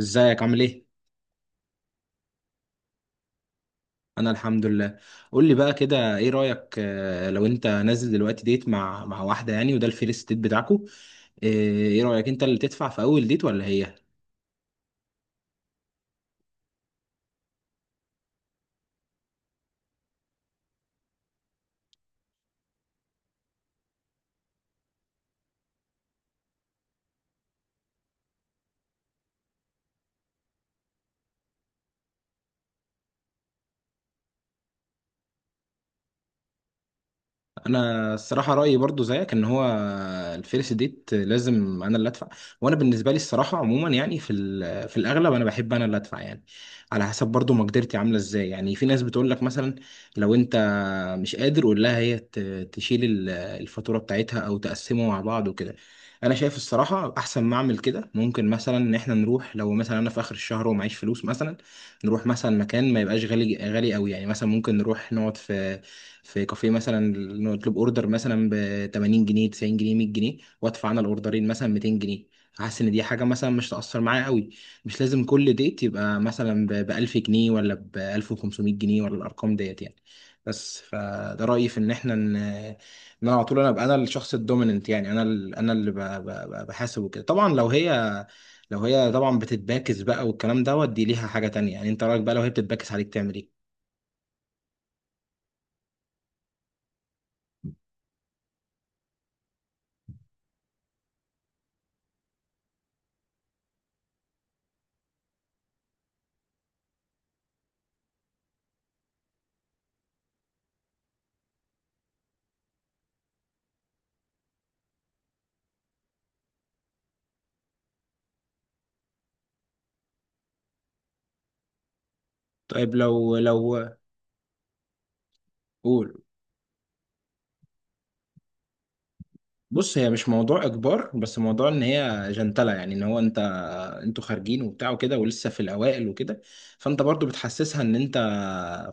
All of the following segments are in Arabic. ازيك عامل ايه؟ انا الحمد لله. قول لي بقى كده، ايه رأيك، لو انت نازل دلوقتي ديت مع واحدة يعني وده الفيرست ديت بتاعكو؟ آه، ايه رأيك، انت اللي تدفع في اول ديت ولا هي؟ انا الصراحة رأيي برضو زيك، ان هو الفيرست ديت لازم انا اللي ادفع. وانا بالنسبة لي الصراحة عموما يعني في الاغلب انا بحب انا اللي ادفع يعني. على حسب برضو مقدرتي عاملة ازاي. يعني في ناس بتقول لك مثلا، لو انت ما مش قادر ولا هي تشيل الفاتورة بتاعتها او تقسمه مع بعض وكده. انا شايف الصراحة احسن ما اعمل كده، ممكن مثلا ان احنا نروح لو مثلا انا في اخر الشهر ومعيش فلوس مثلا، نروح مثلا مكان ما يبقاش غالي غالي قوي. يعني مثلا ممكن نروح نقعد في كافيه مثلا، نطلب اوردر مثلا ب 80 جنيه 90 جنيه 100 جنيه، وادفع انا الاوردرين مثلا 200 جنيه. حاسس ان دي حاجه مثلا مش تاثر معايا قوي. مش لازم كل ديت يبقى مثلا ب 1000 جنيه ولا ب 1500 جنيه ولا الارقام ديت يعني. بس فده رأيي، في ان احنا ان انا على طول انا ابقى انا الشخص الدوميننت يعني، انا انا اللي بحاسب وكده. طبعا لو هي، لو هي طبعا بتتباكس بقى والكلام دوت، دي ليها حاجة تانية. يعني انت رأيك بقى لو هي بتتباكس عليك تعمل ايه؟ طيب، لو قول. بص، هي مش موضوع اجبار، بس موضوع ان هي جنتله. يعني ان هو انت، انتوا خارجين وبتاع وكده ولسه في الاوائل وكده. فانت برضو بتحسسها ان انت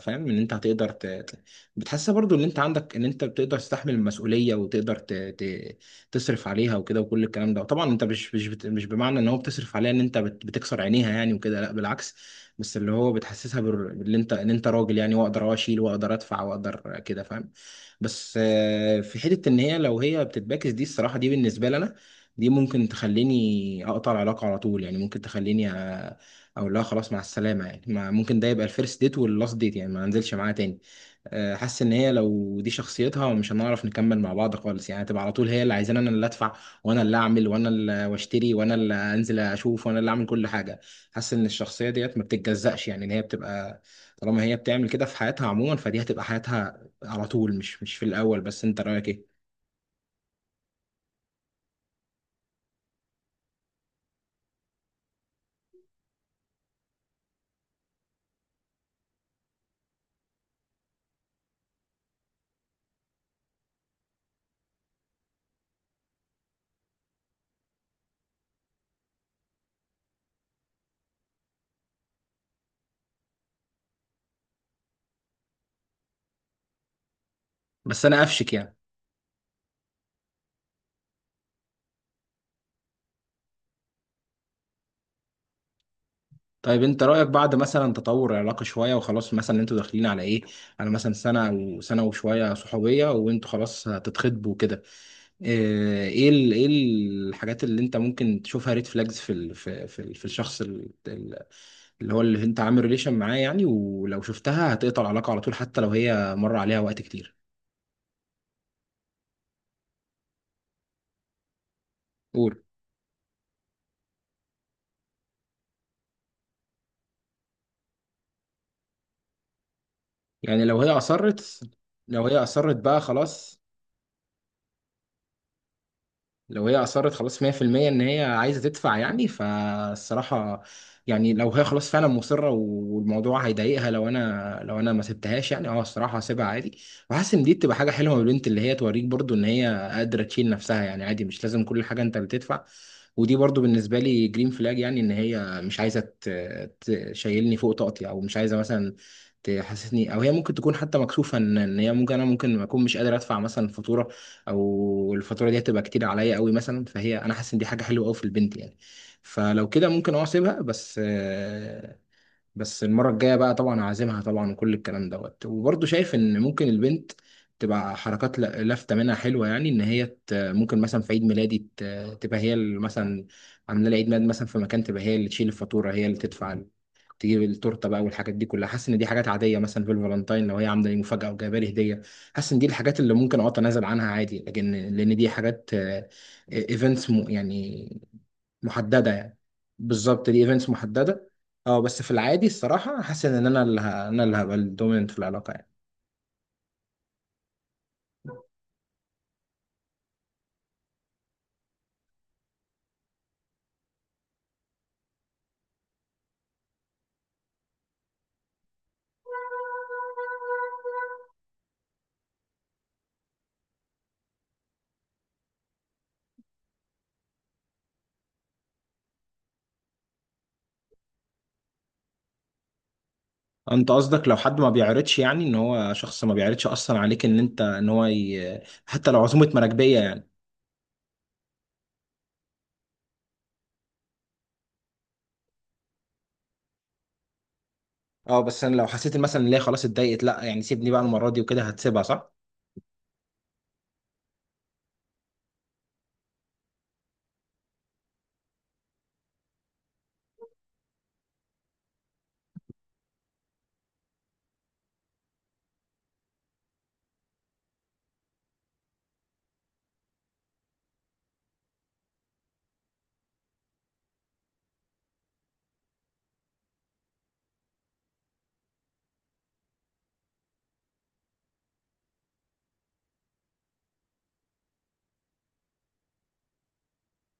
فاهم ان انت هتقدر بتحسسها برضو ان انت عندك، ان انت بتقدر تستحمل المسؤوليه وتقدر تصرف عليها وكده وكل الكلام ده. طبعا انت مش مش بمعنى ان هو بتصرف عليها ان انت بتكسر عينيها يعني وكده، لا بالعكس. بس اللي هو بتحسسها ان انت راجل يعني، واقدر اشيل واقدر ادفع واقدر كده فاهم. بس في حته ان هي، لو هي بتتباكس، دي الصراحه دي بالنسبه لنا دي ممكن تخليني اقطع العلاقه على طول. يعني ممكن تخليني اقول لها خلاص مع السلامه. يعني ما ممكن ده يبقى الفيرست ديت واللاست ديت، يعني ما انزلش معاها تاني. حاسس ان هي لو دي شخصيتها مش هنعرف نكمل مع بعض خالص. يعني تبقى على طول هي اللي عايزاني انا اللي ادفع، وانا اللي اعمل، وانا اللي واشتري، وانا اللي انزل اشوف، وانا اللي اعمل كل حاجه. حاسس ان الشخصيه ديت ما بتتجزأش. يعني ان هي بتبقى طالما هي بتعمل كده في حياتها عموما، فدي هتبقى حياتها على طول، مش في الاول بس. انت رايك ايه؟ بس انا قفشك يعني. طيب، انت رايك بعد مثلا تطور العلاقه شويه وخلاص، مثلا انتوا داخلين على ايه، على مثلا سنه او سنه وشويه صحوبيه، وانتوا خلاص هتتخطبوا كده، ايه ايه الحاجات اللي انت ممكن تشوفها ريد فلاجز في في الشخص اللي هو اللي انت عامل ريليشن معاه، يعني ولو شفتها هتقطع العلاقة على طول حتى لو هي مر عليها وقت كتير؟ قول. يعني لو هي اصرت، لو هي اصرت بقى خلاص، لو هي اصرت خلاص 100% ان هي عايزه تدفع يعني فالصراحه، يعني لو هي خلاص فعلا مصره والموضوع هيضايقها لو انا، لو انا ما سبتهاش يعني، اه الصراحه هسيبها عادي. وحاسس ان دي تبقى حاجه حلوه من البنت، اللي هي توريك برضو ان هي قادره تشيل نفسها يعني. عادي، مش لازم كل حاجه انت اللي تدفع. ودي برضو بالنسبه لي جرين فلاج، يعني ان هي مش عايزه تشيلني فوق طاقتي، او مش عايزه مثلا تحسسني، او هي ممكن تكون حتى مكسوفه إن هي ممكن، انا ممكن اكون مش قادر ادفع مثلا فاتوره، او الفاتوره دي هتبقى كتير عليا قوي مثلا. فهي، انا حاسس ان دي حاجه حلوه قوي في البنت يعني. فلو كده ممكن اسيبها. بس بس المرة الجاية بقى طبعا هعزمها طبعا وكل الكلام دوت. وبرضه شايف ان ممكن البنت تبقى حركات لافتة منها حلوة. يعني ان هي، ممكن مثلا في عيد ميلادي تبقى هي اللي مثلا عاملة لي عيد ميلاد مثلا في مكان، تبقى هي اللي تشيل الفاتورة، هي اللي تدفع تجيب التورته بقى، والحاجات دي كلها. حاسس ان دي حاجات عاديه. مثلا في الفالنتاين لو هي عامله لي مفاجاه او جايبه لي هديه، حاسس ان دي الحاجات اللي ممكن اتنازل عنها عادي. لكن لان دي حاجات ايفنتس يعني محدده يعني. بالظبط، دي ايفنتس محدده. اه، بس في العادي الصراحة حاسس ان انا اللي هبقى الدوميننت في العلاقة يعني. انت قصدك لو حد ما بيعرضش، يعني ان هو شخص ما بيعرضش اصلا عليك ان انت، حتى لو عزومة مراكبية يعني. اه، بس انا لو حسيت إن مثلا ان هي خلاص اتضايقت، لا يعني سيبني بقى المرة دي وكده، هتسيبها صح؟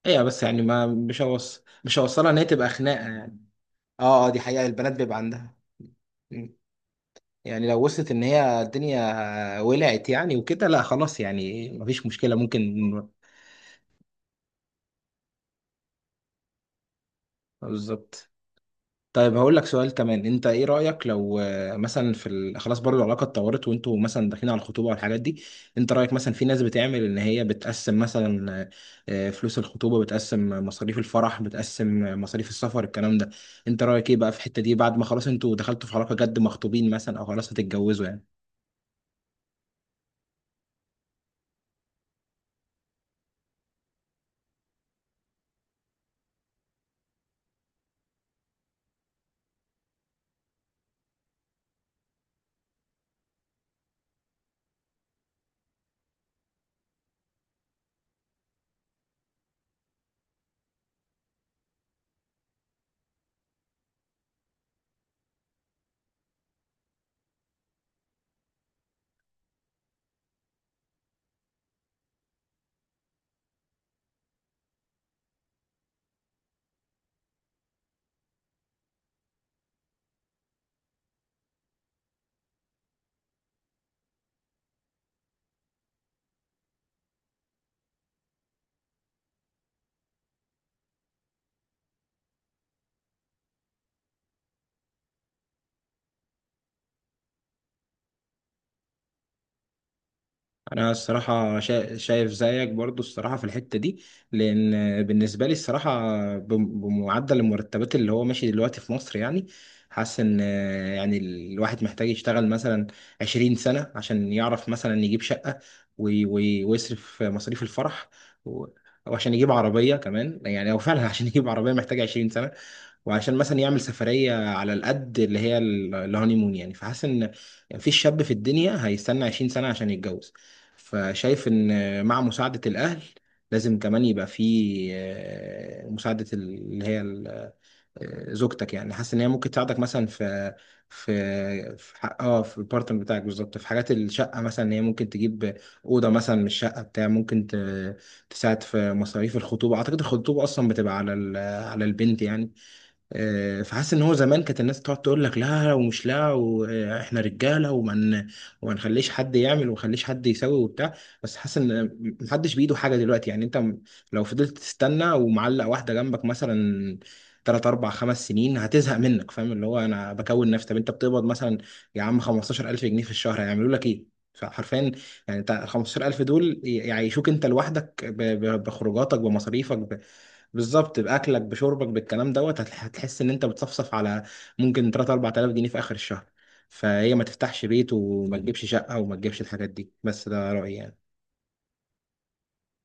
ايوه. بس يعني ما مش هوص... مش هوصلها ان هي تبقى خناقة يعني. اه، اه، دي حقيقة البنات بيبقى عندها. مم. يعني لو وصلت ان هي الدنيا ولعت يعني وكده، لا خلاص يعني مفيش مشكلة ممكن. بالظبط. طيب هقول لك سؤال كمان. انت ايه رأيك لو مثلا خلاص برضه العلاقة اتطورت وانتوا مثلا داخلين على الخطوبة والحاجات دي؟ انت رأيك مثلا، في ناس بتعمل ان هي بتقسم مثلا فلوس الخطوبة، بتقسم مصاريف الفرح، بتقسم مصاريف السفر، الكلام ده. انت رأيك ايه بقى في الحتة دي بعد ما خلاص انتوا دخلتوا في علاقة جد مخطوبين مثلا او خلاص هتتجوزوا يعني؟ انا الصراحه شايف زيك برضو الصراحه في الحته دي. لان بالنسبه لي الصراحه، بمعدل المرتبات اللي هو ماشي دلوقتي في مصر يعني، حاسس ان يعني الواحد محتاج يشتغل مثلا 20 سنه عشان يعرف مثلا يجيب شقه ويصرف مصاريف الفرح و- وعشان يجيب عربيه كمان. يعني هو فعلا عشان يجيب عربيه محتاج 20 سنه، وعشان مثلا يعمل سفرية على القد اللي هي الهانيمون يعني. فحاسس ان مفيش شاب في الدنيا هيستنى 20 سنة عشان يتجوز. فشايف ان مع مساعدة الاهل لازم كمان يبقى في مساعدة ال- اللي هي ال- آه، زوجتك يعني. حاسس ان هي ممكن تساعدك مثلا في حق، في البارتنر بتاعك بالظبط، في حاجات الشقه مثلا. ان هي ممكن تجيب اوضه مثلا من الشقه بتاع، ممكن تساعد في مصاريف الخطوبه. اعتقد الخطوبه اصلا بتبقى على على البنت يعني. فحاسس ان هو زمان كانت الناس تقعد تقول لك لا، ومش لا واحنا رجاله، وما وما نخليش حد يعمل، وما نخليش حد يسوي وبتاع. بس حاسس ان محدش بايده حاجه دلوقتي. يعني انت لو فضلت تستنى ومعلق واحده جنبك مثلا تلات أربع خمس سنين هتزهق منك. فاهم اللي هو أنا بكون نفسي، طب أنت بتقبض مثلا يا عم 15000 جنيه في الشهر، هيعملوا لك إيه؟ فحرفيا يعني أنت ال 15000 دول يعيشوك أنت لوحدك بخروجاتك، بمصاريفك، بالظبط، باكلك، بشربك، بالكلام دوت. هتحس ان انت بتصفصف على ممكن 3 4000 جنيه في اخر الشهر. فهي ما تفتحش بيت وما تجيبش شقه وما تجيبش الحاجات دي. بس ده رايي يعني.